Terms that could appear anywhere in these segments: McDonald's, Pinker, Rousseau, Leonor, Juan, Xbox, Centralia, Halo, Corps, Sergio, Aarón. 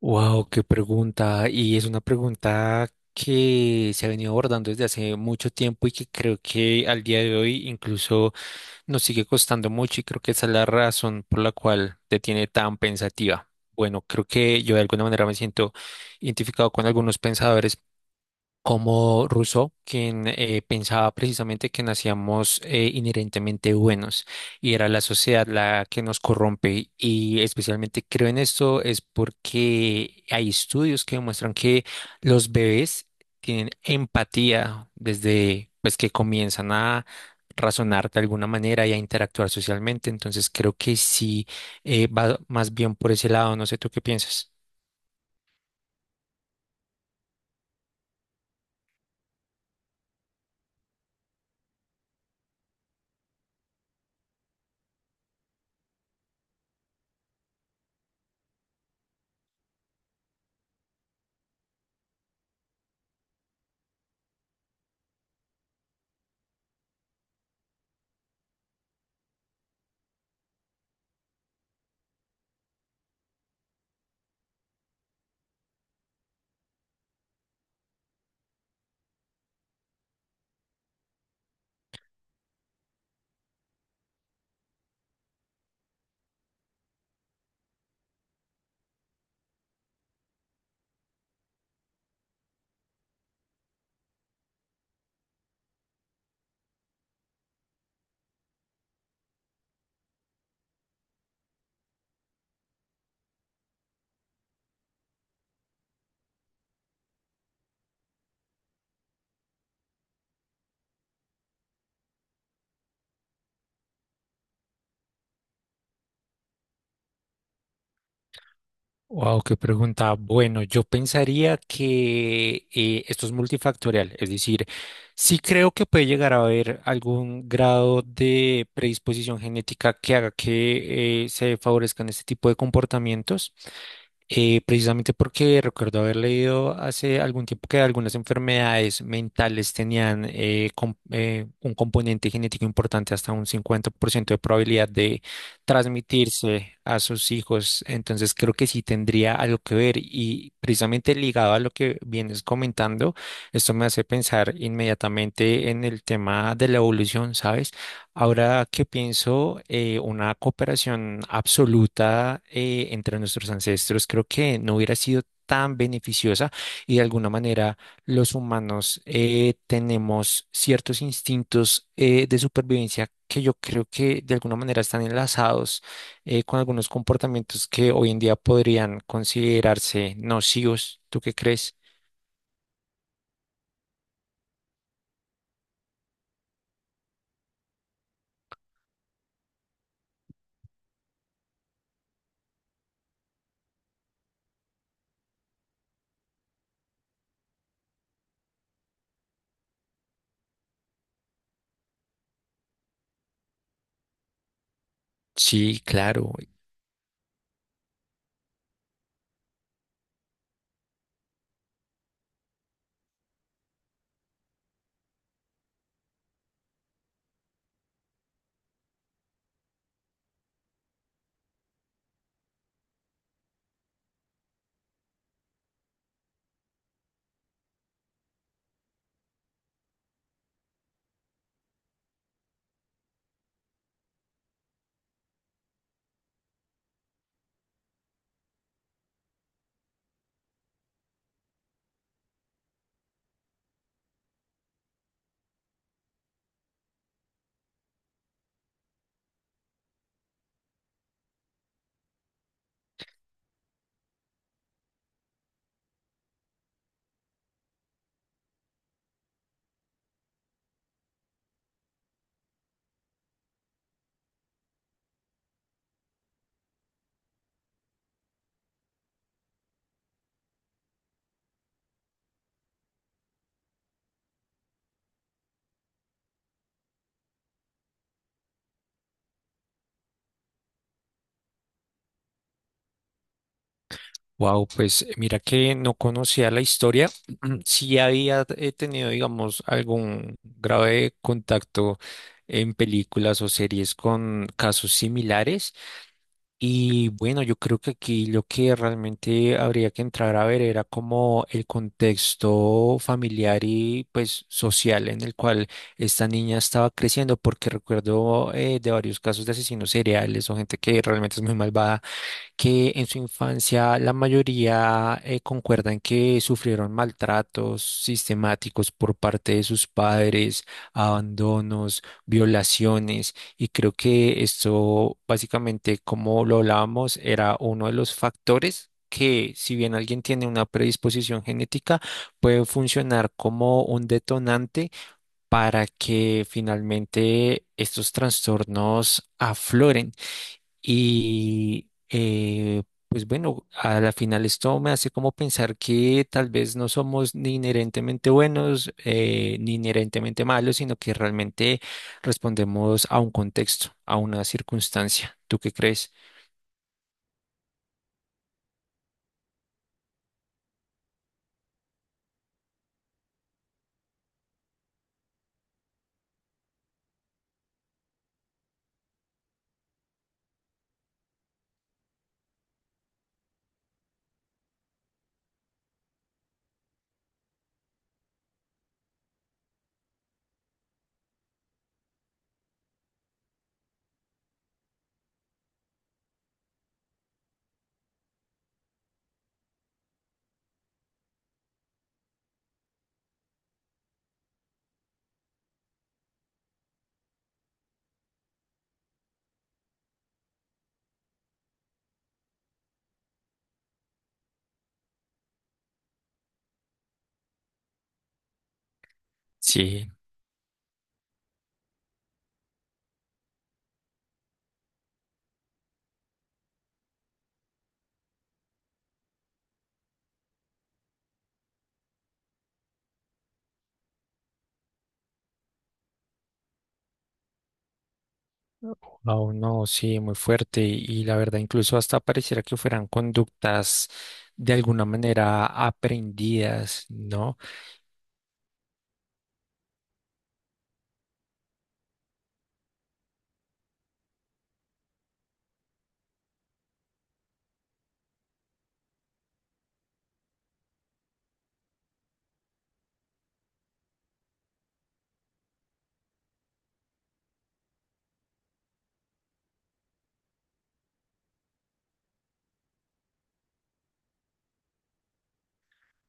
Wow, qué pregunta. Y es una pregunta que se ha venido abordando desde hace mucho tiempo y que creo que al día de hoy incluso nos sigue costando mucho, y creo que esa es la razón por la cual te tiene tan pensativa. Bueno, creo que yo de alguna manera me siento identificado con algunos pensadores como Rousseau, quien pensaba precisamente que nacíamos inherentemente buenos y era la sociedad la que nos corrompe. Y especialmente creo en esto es porque hay estudios que demuestran que los bebés tienen empatía desde pues que comienzan a razonar de alguna manera y a interactuar socialmente. Entonces creo que sí, va más bien por ese lado. No sé tú qué piensas. Wow, qué pregunta. Bueno, yo pensaría que esto es multifactorial, es decir, sí creo que puede llegar a haber algún grado de predisposición genética que haga que se favorezcan este tipo de comportamientos, precisamente porque recuerdo haber leído hace algún tiempo que algunas enfermedades mentales tenían un componente genético importante, hasta un 50% de probabilidad de transmitirse a sus hijos. Entonces creo que sí tendría algo que ver, y precisamente ligado a lo que vienes comentando, esto me hace pensar inmediatamente en el tema de la evolución, ¿sabes? Ahora que pienso, una cooperación absoluta entre nuestros ancestros creo que no hubiera sido tan beneficiosa, y de alguna manera los humanos tenemos ciertos instintos de supervivencia que yo creo que de alguna manera están enlazados con algunos comportamientos que hoy en día podrían considerarse nocivos. ¿Tú qué crees? Sí, claro. Wow, pues mira que no conocía la historia. Sí había tenido, digamos, algún grave contacto en películas o series con casos similares. Y bueno, yo creo que aquí lo que realmente habría que entrar a ver era como el contexto familiar y pues social en el cual esta niña estaba creciendo, porque recuerdo de varios casos de asesinos seriales o gente que realmente es muy malvada, que en su infancia la mayoría concuerdan que sufrieron maltratos sistemáticos por parte de sus padres, abandonos, violaciones. Y creo que esto básicamente, como lo hablábamos, era uno de los factores, que si bien alguien tiene una predisposición genética, puede funcionar como un detonante para que finalmente estos trastornos afloren. Y pues bueno, a la final esto me hace como pensar que tal vez no somos ni inherentemente buenos ni inherentemente malos, sino que realmente respondemos a un contexto, a una circunstancia. ¿Tú qué crees? Sí, aún no, sí, muy fuerte. Y la verdad, incluso hasta pareciera que fueran conductas de alguna manera aprendidas, ¿no?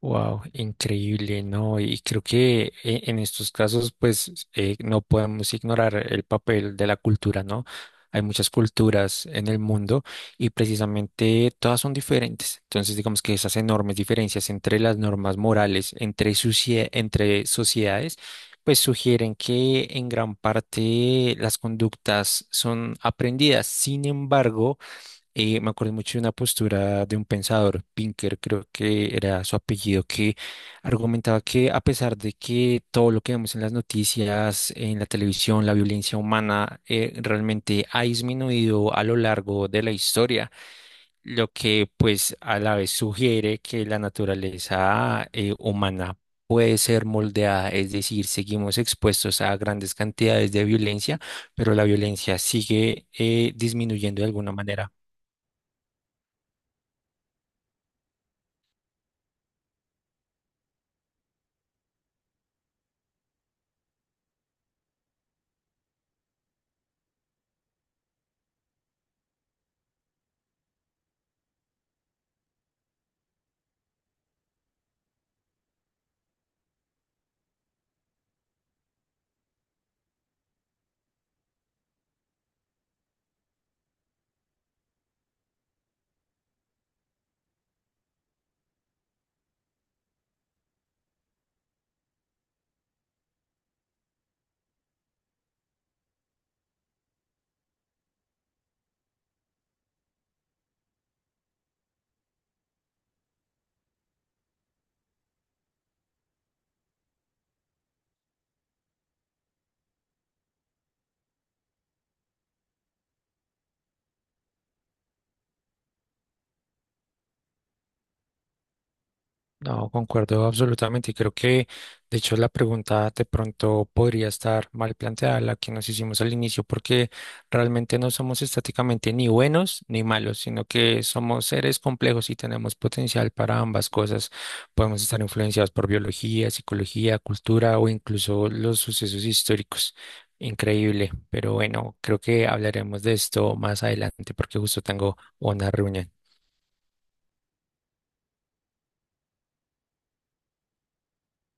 Wow, increíble, ¿no? Y creo que en estos casos, pues, no podemos ignorar el papel de la cultura, ¿no? Hay muchas culturas en el mundo y precisamente todas son diferentes. Entonces, digamos que esas enormes diferencias entre las normas morales, entre, entre sociedades, pues sugieren que en gran parte las conductas son aprendidas. Sin embargo, me acuerdo mucho de una postura de un pensador, Pinker, creo que era su apellido, que argumentaba que, a pesar de que todo lo que vemos en las noticias, en la televisión, la violencia humana realmente ha disminuido a lo largo de la historia, lo que pues a la vez sugiere que la naturaleza humana puede ser moldeada, es decir, seguimos expuestos a grandes cantidades de violencia, pero la violencia sigue disminuyendo de alguna manera. No, concuerdo absolutamente, y creo que de hecho la pregunta de pronto podría estar mal planteada, la que nos hicimos al inicio, porque realmente no somos estáticamente ni buenos ni malos, sino que somos seres complejos y tenemos potencial para ambas cosas. Podemos estar influenciados por biología, psicología, cultura o incluso los sucesos históricos. Increíble, pero bueno, creo que hablaremos de esto más adelante porque justo tengo una reunión.